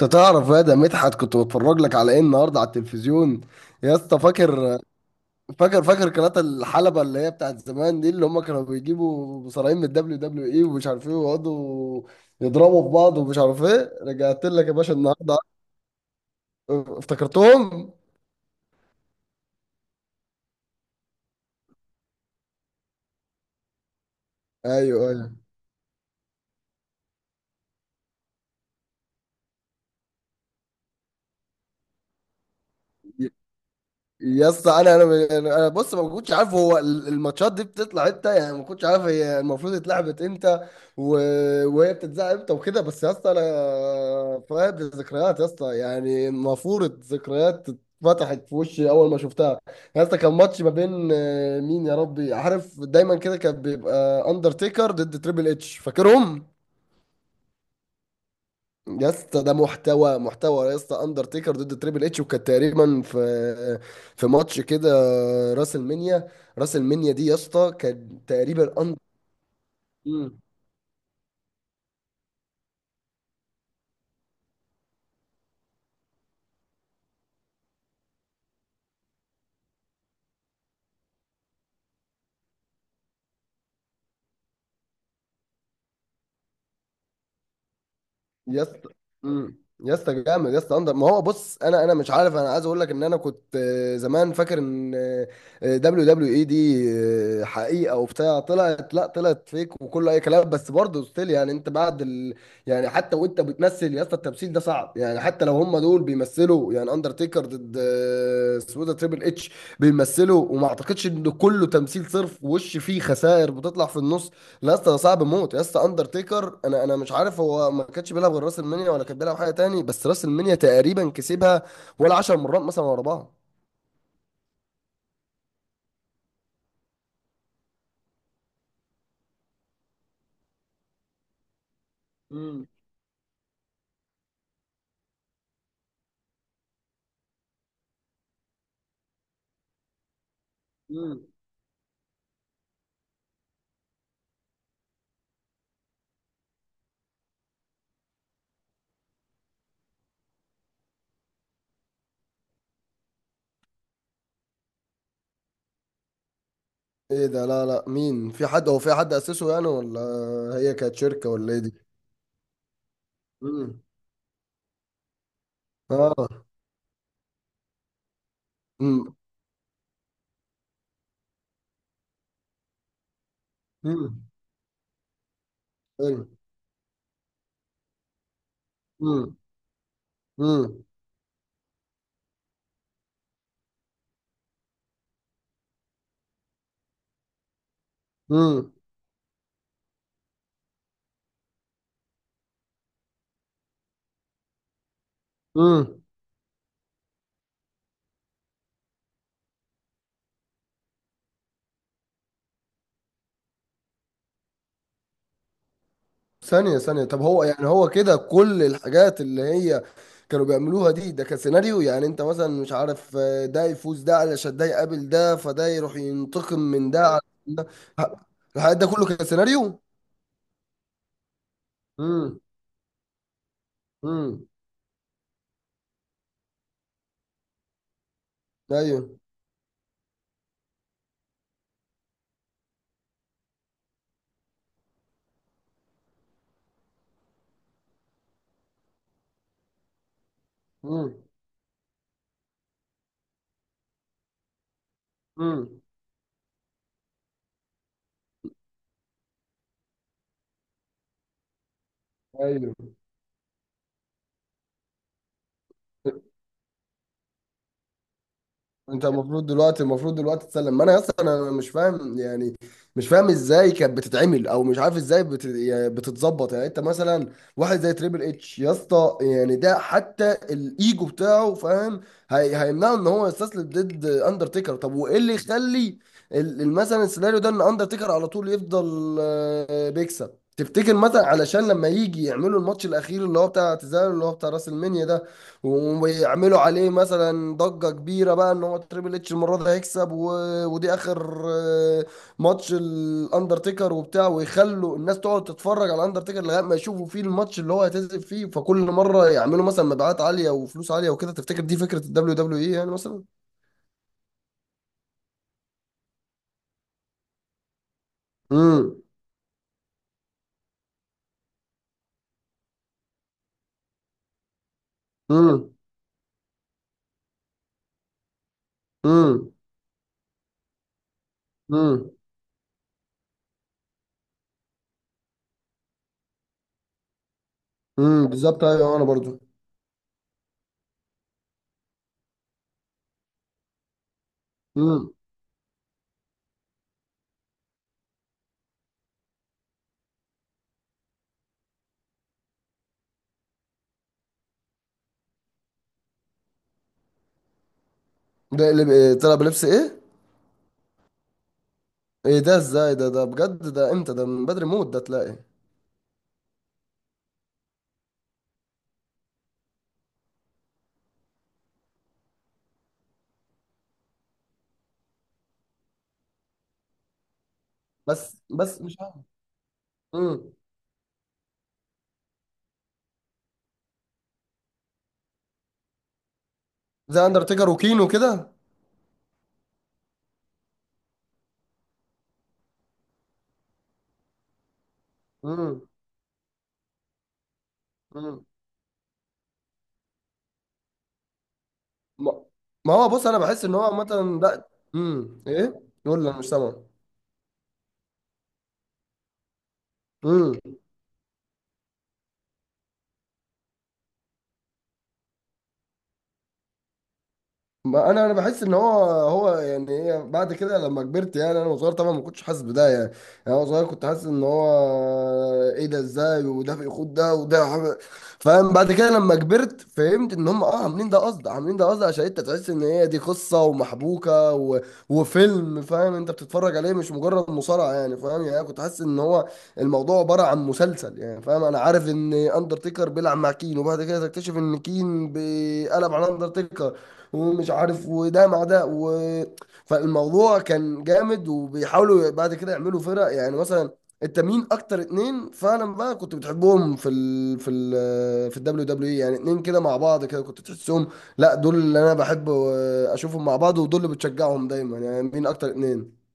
انت تعرف يا ده مدحت، كنت بتفرج لك على ايه النهارده على التلفزيون يا اسطى؟ فاكر؟ فاكر فاكر قناة الحلبة اللي هي بتاعت زمان دي، اللي هم كانوا بيجيبوا مصارعين من الدبليو دبليو اي ومش عارف ايه، ويقعدوا يضربوا في بعض ومش عارف ايه. رجعت لك يا باشا النهارده. افتكرتهم. ايوه ايوه يا اسطى انا بص، ما كنتش عارف هو الماتشات دي بتطلع امتى، يعني ما كنتش عارف هي المفروض اتلعبت امتى و... وهي بتتذاع امتى وكده. بس يا اسطى انا فاقد الذكريات يا اسطى، يعني المفروض ذكريات اتفتحت في وشي اول ما شفتها. يا اسطى كان ماتش ما بين مين يا ربي، عارف دايما كده كان بيبقى اندرتيكر ضد تريبل اتش، فاكرهم؟ يا اسطى ده محتوى محتوى يا اسطى، اندرتيكر ضد تريبل اتش، وكانت تقريبا في في ماتش كده، راس المنيا. راس المنيا دي يا اسطى كان تقريبا أند... يا اسطى. يا اسطى جامد يا اسطى اندر، ما هو بص انا مش عارف، انا عايز اقول لك ان انا كنت زمان فاكر ان دبليو دبليو اي دي حقيقه وبتاع، طلعت، لا طلعت فيك وكله اي كلام، بس برضه ستيل يعني انت بعد يعني حتى وانت بتمثل يا اسطى التمثيل ده صعب، يعني حتى لو هم دول بيمثلوا، يعني اندرتيكر ضد اسمه إيه ده، تريبل اتش، بيمثلوا وما اعتقدش ان كله تمثيل صرف، وش فيه خسائر بتطلع في النص. لا يا اسطى صعب موت يا اسطى، اندرتيكر، انا مش عارف، هو ما كانش بيلعب غير راس المنيا، ولا كان بيلعب حاجه تاني؟ بس راس المنيا تقريبا كسبها ولا 10 مرات مثلا ورا بعض. امم. امم. ايه ده، لا لا مين، في حد هو في حد اسسه يعني، ولا هي كانت شركه ولا ايه دي؟ امم. اه. امم. امم. ايوه. امم. امم. امم. ثانية ثانية، طب هو يعني هو كده، كل الحاجات اللي هي كانوا بيعملوها دي ده كان سيناريو؟ يعني انت مثلا مش عارف ده يفوز ده علشان ده يقابل ده، فده يروح ينتقم من ده على ده، ه- الحاجات ده كله كان سيناريو؟ امم. امم. ايوه. امم. امم. ايوه. انت المفروض دلوقتي، المفروض دلوقتي تسلم، ما انا اصلا انا مش فاهم يعني، مش فاهم ازاي كانت بتتعمل، او مش عارف ازاي يعني بتتظبط. يعني انت مثلا واحد زي تريبل اتش يا اسطى، يعني ده حتى الايجو بتاعه فاهم، هيمنعه ان هو يستسلم ضد اندرتيكر. طب وايه اللي يخلي مثلا السيناريو ده ان اندرتيكر على طول يفضل بيكسب؟ تفتكر مثلا علشان لما يجي يعملوا الماتش الاخير اللي هو بتاع اعتزال اللي هو بتاع راس المنيا ده، ويعملوا عليه مثلا ضجة كبيرة بقى ان هو تريبل اتش المرة دي هيكسب، ودي اخر ماتش الاندرتيكر وبتاع، ويخلوا الناس تقعد تتفرج على الاندرتيكر لغاية ما يشوفوا فيه الماتش اللي هو هيتذب فيه، فكل مرة يعملوا مثلا مبيعات عالية وفلوس عالية وكده. تفتكر دي فكرة الدبليو دبليو اي يعني مثلا؟ امم. امم. امم. امم. امم. بالظبط، ايوه، انا برضو. امم. ده اللي طلع بلبس ايه؟ ايه ده ازاي، ده بجد؟ ده امتى ده؟ من بدري موت؟ ده تلاقي. بس بس مش. امم. زي اندرتيكر وكين وكده. امم. امم. ما ما هو بص انا بحس ان هو عامه لا. ايه؟ يقول لي انا مش سامع. ما انا بحس ان هو هو يعني ايه، بعد كده لما كبرت، يعني انا وصغير طبعا ما كنتش حاسس بده يعني. يعني انا صغير كنت حاسس ان هو ايه ده ازاي، وده بيخوض ده فاهم. بعد كده لما كبرت فهمت ان هم اه عاملين ده قصد، عاملين ده قصد عشان انت تحس ان هي دي قصه ومحبوكه وفيلم، فاهم؟ انت بتتفرج عليه، مش مجرد مصارعه، يعني فاهم يعني. أنا كنت حاسس ان هو الموضوع عباره عن مسلسل يعني، فاهم؟ انا عارف ان اندرتيكر بيلعب مع كين، وبعد كده تكتشف ان كين بيقلب على اندرتيكر ومش عارف، وده مع ده فالموضوع كان جامد. وبيحاولوا بعد كده يعملوا فرق يعني، مثلا. انت مين اكتر اتنين فعلا بقى كنت بتحبهم في ال في ال في الدبليو دبليو اي، يعني اتنين كده مع بعض كده كنت تحسهم لا دول اللي انا بحب اشوفهم مع بعض، ودول اللي بتشجعهم دايما. يعني مين اكتر اتنين؟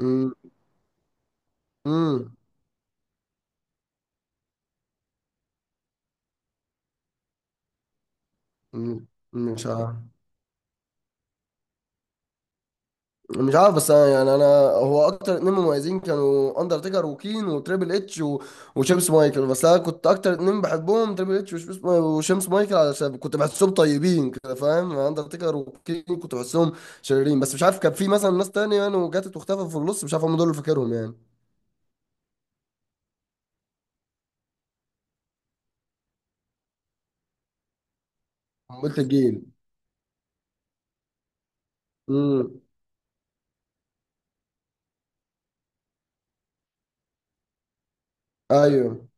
امم. امم. مش عارف. مش عارف، بس انا يعني انا هو اكتر اتنين مميزين كانوا اندرتيكر وكين وتريبل اتش وشيمس مايكل. بس انا كنت اكتر اتنين بحبهم تريبل اتش وشيمس، وشيمس مايكل علشان كنت بحسهم طيبين كده فاهم. اندرتيكر وكين كنت بحسهم شريرين. بس مش عارف كان في مثلا ناس تانية يعني وجاتت واختفت في النص، مش عارف، هم دول اللي فاكرهم يعني. قلت الجيل. امم. ايوه.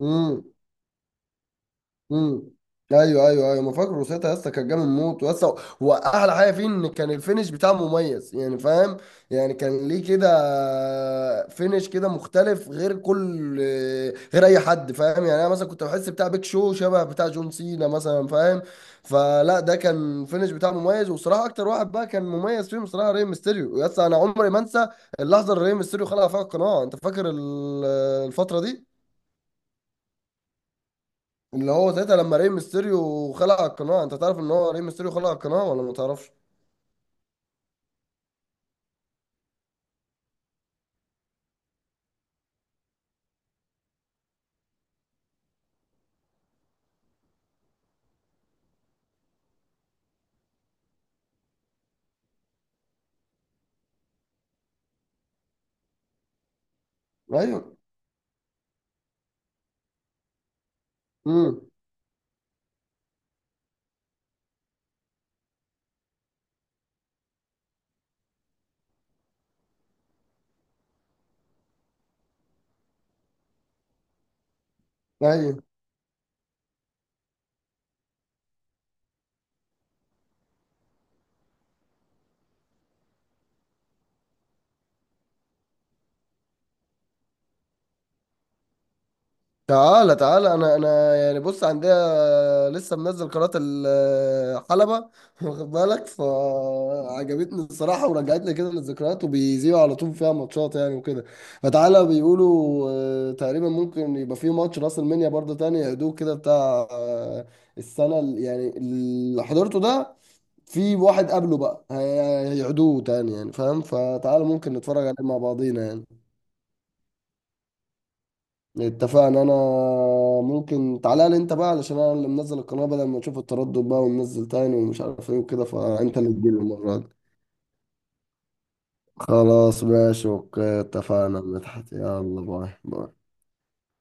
امم. امم. ايوه ايوه ايوه، ما فاكر روسيتا يا اسطى، كان جامد موت يا اسطى. واحلى حاجه فيه ان كان الفينش بتاعه مميز يعني فاهم، يعني كان ليه كده فينش كده مختلف غير كل غير اي حد فاهم. يعني انا مثلا كنت بحس بتاع بيك شو شبه بتاع جون سينا مثلا فاهم. فلا، ده كان فينش بتاعه مميز، وصراحه اكتر واحد بقى كان مميز فيهم صراحه ري ميستيريو. يا اسطى انا عمري ما انسى اللحظه اللي ري ميستيريو خلع فيها القناع. انت فاكر الفتره دي؟ اللي هو ساعتها لما ري ميستيريو خلع القناع، انت تعرف ان هو ري ميستيريو خلع القناع ولا ما تعرفش؟ ايوه. امم. ايوه. تعالى تعالى انا يعني بص، عندها لسه منزل قناة الحلبة واخد بالك، فعجبتني الصراحة ورجعت لي كده للذكريات، وبيذيعوا على طول فيها ماتشات يعني وكده. فتعالى بيقولوا تقريبا ممكن يبقى في ماتش راس المنيا برضه تاني، يعيدوه كده بتاع السنة يعني اللي حضرته ده، في واحد قبله بقى هيعيدوه تاني يعني فاهم. فتعالى ممكن نتفرج عليه مع بعضينا يعني. اتفقنا. انا ممكن تعالى لي انت بقى، علشان انا اللي منزل القناة، بدل ما نشوف التردد بقى وننزل تاني ومش عارف ايه وكده، فانت اللي تجيلي المرة دي. خلاص ماشي، اوكي، اتفقنا يا مدحت، يلا باي باي.